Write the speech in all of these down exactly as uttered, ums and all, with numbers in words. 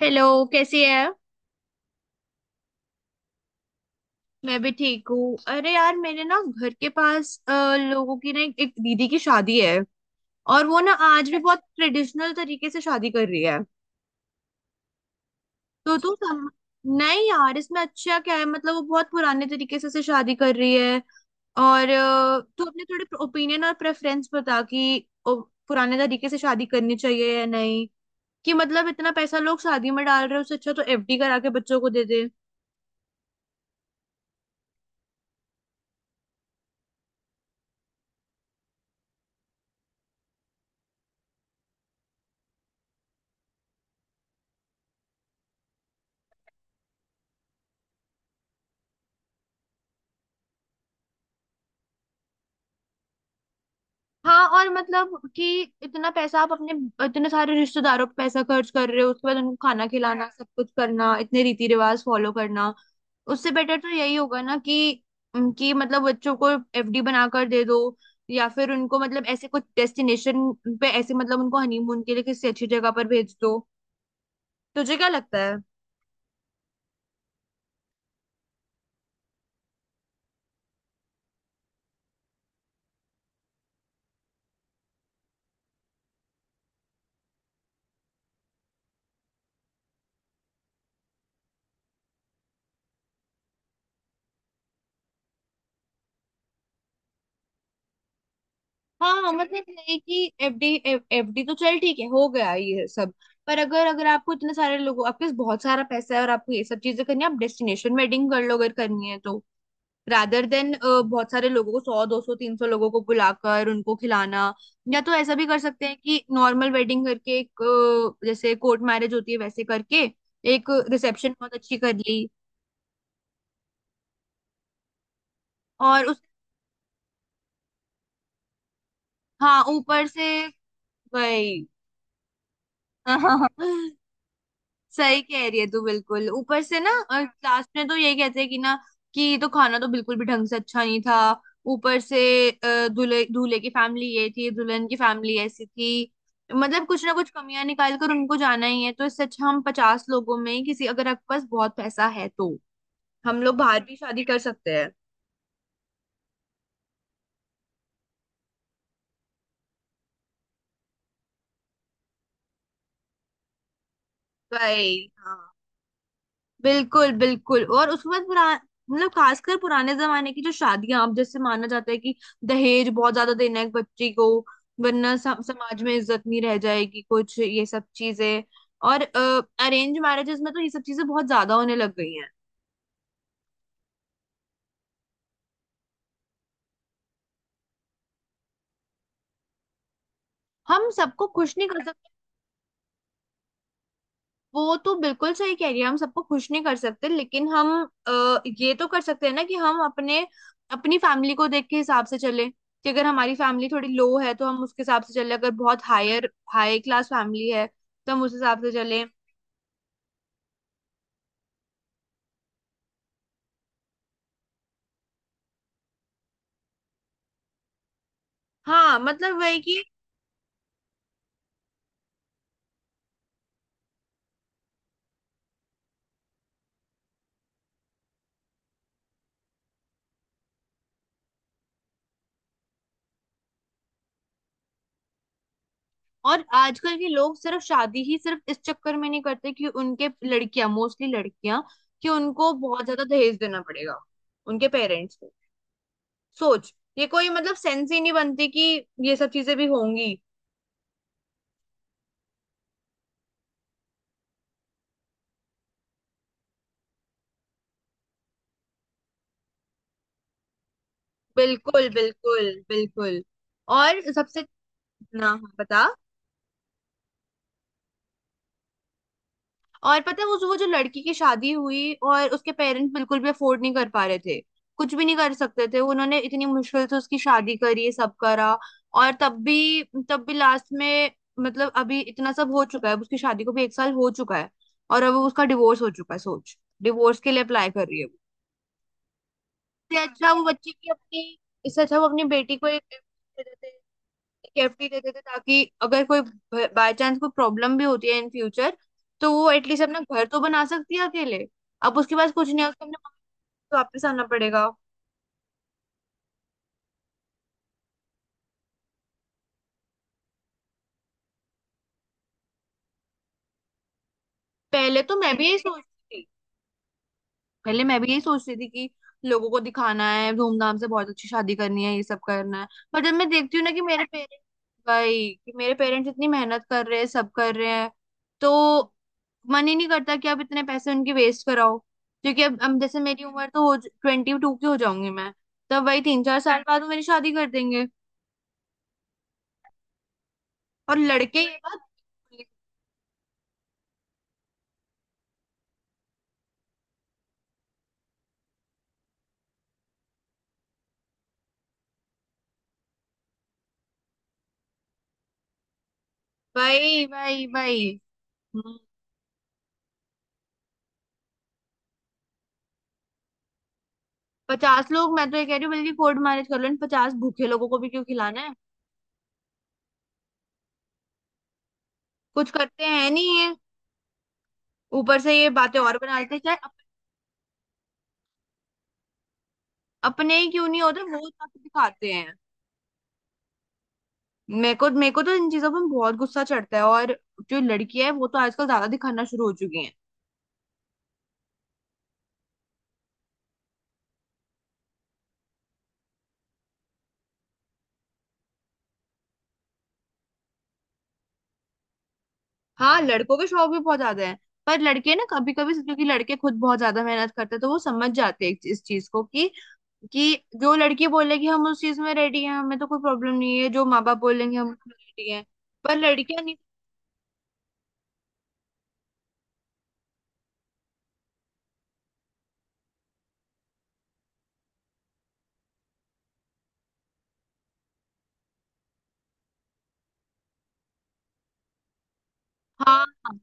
Hello. कैसी है? मैं भी ठीक हूँ। अरे यार, मेरे ना घर के पास अ, लोगों की ना एक दीदी की शादी है। और वो ना आज भी बहुत ट्रेडिशनल तरीके से शादी कर रही है। तो तू सम... नहीं यार, इसमें अच्छा क्या है? मतलब वो बहुत पुराने तरीके से उसे शादी कर रही है। और अ, तू अपने थोड़े ओपिनियन और प्रेफरेंस बता कि ओ, पुराने तरीके से शादी करनी चाहिए या नहीं। कि मतलब इतना पैसा लोग शादी में डाल रहे हैं, उससे अच्छा तो एफ डी करा के बच्चों को दे दे। हाँ, और मतलब कि इतना पैसा आप अपने इतने सारे रिश्तेदारों पे पैसा खर्च कर रहे हो, उसके बाद उनको खाना खिलाना, सब कुछ करना, इतने रीति रिवाज फॉलो करना। उससे बेटर तो यही होगा ना कि कि मतलब बच्चों को एफ डी बनाकर दे दो, या फिर उनको मतलब ऐसे कुछ डेस्टिनेशन पे ऐसे मतलब उनको हनीमून के लिए किसी अच्छी जगह पर भेज दो। तुझे क्या लगता है? हाँ, मतलब नहीं कि एफ डी। एफ डी तो चल ठीक है, हो गया ये सब। पर अगर अगर आपको इतने सारे लोगों, आपके पास बहुत सारा पैसा है और आपको ये सब चीजें करनी है, आप डेस्टिनेशन वेडिंग कर लो अगर करनी है तो। रादर देन बहुत सारे लोगों को, सौ दो सौ तीन सौ लोगों को बुलाकर उनको खिलाना। या तो ऐसा भी कर सकते हैं कि नॉर्मल वेडिंग करके एक अ, जैसे कोर्ट मैरिज होती है वैसे करके एक रिसेप्शन बहुत अच्छी कर ली। और उस हाँ, ऊपर से वही। सही कह रही है तू, बिल्कुल। ऊपर से ना लास्ट में तो ये कहते हैं कि ना कि ये तो खाना तो बिल्कुल भी ढंग से अच्छा नहीं था। ऊपर से अ, दूल्हे दूल्हे की फैमिली ये थी, दुल्हन की फैमिली ऐसी थी। मतलब कुछ ना कुछ कमियां निकाल कर उनको जाना ही है, तो इससे अच्छा हम पचास लोगों में ही किसी अगर आपके पास बहुत पैसा है तो हम लोग बाहर भी शादी कर सकते हैं। भाई, बिल्कुल बिल्कुल। और उसके बाद पुरा मतलब खासकर पुराने जमाने की जो शादियां, अब जैसे माना जाता है कि दहेज बहुत ज्यादा देना है एक बच्ची को, वरना सम- समाज में इज्जत नहीं रह जाएगी, कुछ ये सब चीजें। और अरेंज मैरिजेस में तो ये सब चीजें बहुत ज्यादा होने लग गई हैं। हम सबको खुश नहीं कर वो तो बिल्कुल सही कह रही है, हम सबको खुश नहीं कर सकते, लेकिन हम अ, ये तो कर सकते हैं ना कि हम अपने अपनी फैमिली को देख के हिसाब से चले कि अगर हमारी फैमिली थोड़ी लो है तो हम उसके हिसाब से चले, अगर बहुत हायर हाई क्लास फैमिली है तो हम उस हिसाब से चले। हाँ, मतलब वही कि और आजकल के लोग सिर्फ शादी ही सिर्फ इस चक्कर में नहीं करते कि उनके लड़कियां मोस्टली लड़कियां कि उनको बहुत ज्यादा दहेज देना पड़ेगा उनके पेरेंट्स को। सोच, ये कोई मतलब सेंस ही नहीं बनती कि ये सब चीजें भी होंगी। बिल्कुल बिल्कुल बिल्कुल। और सबसे ना हाँ, बता। और पता है उस वो जो लड़की की शादी हुई और उसके पेरेंट्स बिल्कुल भी अफोर्ड नहीं कर पा रहे थे, कुछ भी नहीं कर सकते थे, उन्होंने इतनी मुश्किल से उसकी शादी करी, सब करा। और तब भी तब भी लास्ट में, मतलब अभी इतना सब हो चुका है, अब उसकी शादी को भी एक साल हो चुका है और अब उसका डिवोर्स हो चुका है। सोच, डिवोर्स के लिए अप्लाई कर रही है वो। इससे अच्छा वो बच्चे की अपनी इससे अच्छा वो अपनी बेटी को एक सेफ्टी देते थे, ताकि अगर कोई बाय चांस कोई प्रॉब्लम भी होती है इन फ्यूचर, तो वो एटलीस्ट अपना घर तो बना सकती है अकेले। अब उसके पास कुछ नहीं है, उसको अपने मम्मी को वापस आना पड़ेगा। पहले तो मैं भी यही सोच रही थी, पहले मैं भी यही सोच रही थी कि लोगों को दिखाना है, धूमधाम से बहुत अच्छी शादी करनी है, ये सब करना है। पर जब मैं देखती हूँ ना कि मेरे पेरेंट्स, भाई, कि मेरे पेरेंट्स इतनी मेहनत कर रहे हैं, सब कर रहे हैं, तो मन ही नहीं करता कि आप इतने पैसे उनकी वेस्ट कराओ, क्योंकि अब अब जैसे मेरी उम्र तो हो, ट्वेंटी टू की हो जाऊंगी मैं, तब वही तीन चार साल बाद वो मेरी शादी कर देंगे। और लड़के ये बात, भाई भाई भाई। हम्म, पचास लोग मैं तो ये कह रही हूँ, बल्कि कोर्ट मैरिज कर लो, इन पचास भूखे लोगों को भी क्यों खिलाना है? कुछ करते हैं नहीं ये, ऊपर से ये बातें और बना लेते हैं, चाहे अप, अपने ही क्यों नहीं होते वो सब दिखाते हैं। मेरे को मेरे को तो इन चीजों पर बहुत गुस्सा चढ़ता है। और जो लड़कियां है वो तो आजकल ज्यादा दिखाना शुरू हो चुकी हैं। हाँ, लड़कों के शौक भी बहुत ज्यादा है। पर लड़के ना कभी कभी, क्योंकि लड़के खुद बहुत ज्यादा मेहनत करते हैं, तो वो समझ जाते हैं इस इस चीज को कि कि जो लड़की बोले कि हम उस चीज में रेडी हैं, हमें तो कोई प्रॉब्लम नहीं है, जो माँ बाप बोलेंगे हम उसमें रेडी हैं। पर लड़कियां नहीं। हाँ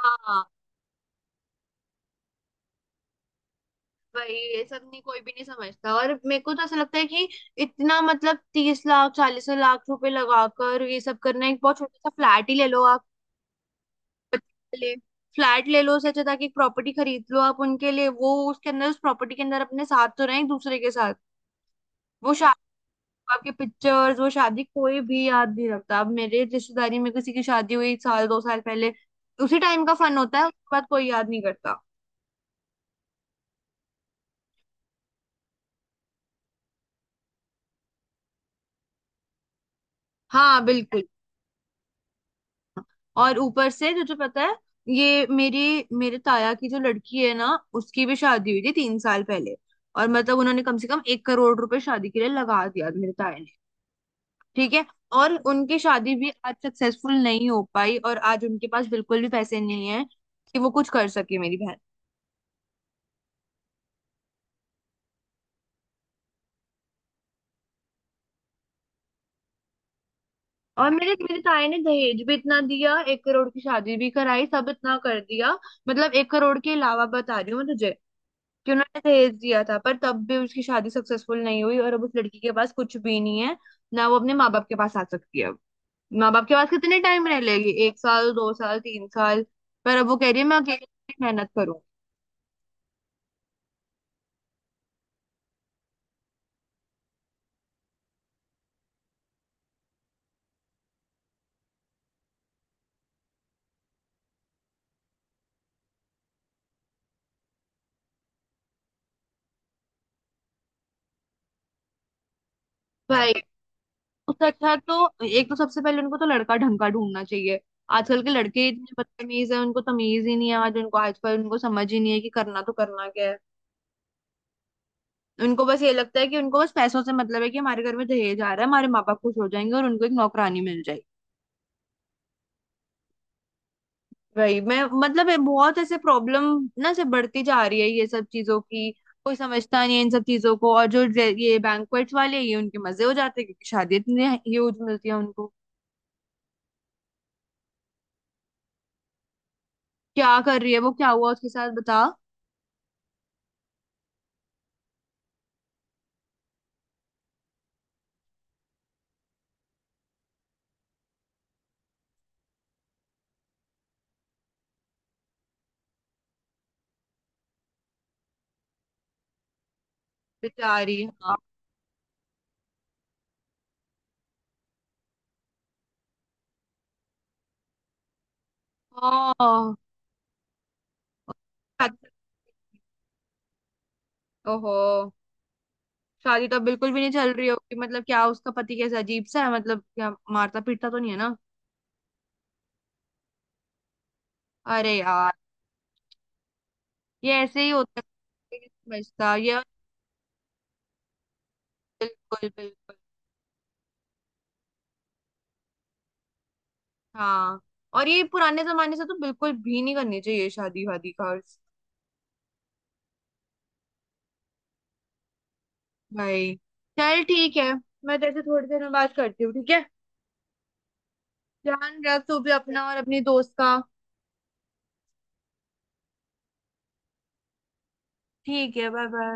हाँ हाँ। भाई, ये सब नहीं कोई भी नहीं समझता, और मेरे को तो ऐसा लगता है कि इतना मतलब तीस लाख चालीस लाख रुपए लगाकर ये सब करना, एक बहुत छोटा सा फ्लैट ही ले लो। ले, फ्लैट ले लो, उससे अच्छा था कि एक प्रॉपर्टी खरीद लो आप उनके लिए, वो उसके अंदर, उस प्रॉपर्टी के अंदर अपने साथ तो रहें, एक दूसरे के साथ। वो शादी, आपके पिक्चर्स, वो शादी कोई भी याद नहीं रखता। अब मेरे रिश्तेदारी में किसी की शादी हुई साल दो साल पहले, उसी टाइम का फन होता है, उसके बाद कोई याद नहीं करता। हाँ, बिल्कुल। और ऊपर से तुझे पता है, ये मेरी मेरे ताया की जो लड़की है ना, उसकी भी शादी हुई थी तीन साल पहले। और मतलब उन्होंने कम से कम एक करोड़ रुपए शादी के लिए लगा दिया मेरे ताया ने, ठीक है? और उनकी शादी भी आज सक्सेसफुल नहीं हो पाई, और आज उनके पास बिल्कुल भी पैसे नहीं है कि वो कुछ कर सके मेरी बहन। और मेरे मेरे ताए ने दहेज भी इतना दिया, एक करोड़ की शादी भी कराई, सब इतना कर दिया, मतलब एक करोड़ के अलावा बता रही हूँ मैं तुझे कि उन्होंने दहेज दिया था, पर तब भी उसकी शादी सक्सेसफुल नहीं हुई, और अब उस लड़की के पास कुछ भी नहीं है। ना वो अपने माँ बाप के पास आ सकती है, अब माँ बाप के पास कितने टाइम रह लेगी? एक साल, दो साल, तीन साल। पर अब वो कह रही है मैं अकेले मेहनत करूँ। भाई, उससे अच्छा है तो एक तो सबसे पहले उनको तो लड़का ढंग का ढूंढना चाहिए। आजकल के लड़के ही इतने बदतमीज है, उनको तमीज ही नहीं है, आज उनको आजकल उनको समझ ही नहीं है कि करना तो करना क्या है। उनको बस ये लगता है कि उनको बस पैसों से मतलब है कि हमारे घर में दहेज आ रहा है, हमारे माँ बाप खुश हो जाएंगे और उनको एक नौकरानी मिल जाएगी। वही मैं मतलब है, बहुत ऐसे प्रॉब्लम ना से बढ़ती जा रही है ये सब चीजों की। कोई समझता नहीं है इन सब चीजों को, और जो जे- ये बैंक्वेट्स वाले ये उनके मजे हो जाते हैं क्योंकि शादी इतनी ह्यूज मिलती है उनको। क्या कर रही है वो, क्या हुआ उसके साथ बता? बेचारी। हाँ। ओह। शादी- ओहो, शादी तो बिल्कुल भी नहीं चल रही होगी। मतलब क्या उसका पति कैसा अजीब सा है? मतलब क्या मारता पीटता तो नहीं है ना? अरे यार, ये ऐसे ही होता है, ये नहीं समझता ये। बिल्कुल बिल्कुल। हाँ, और ये पुराने जमाने से तो बिल्कुल भी नहीं करनी चाहिए शादी वादी का और। भाई, चल ठीक है, मैं तेरे से थोड़ी देर में बात करती हूँ, ठीक है? ध्यान रख तू भी अपना और अपनी दोस्त का। ठीक है, बाय बाय।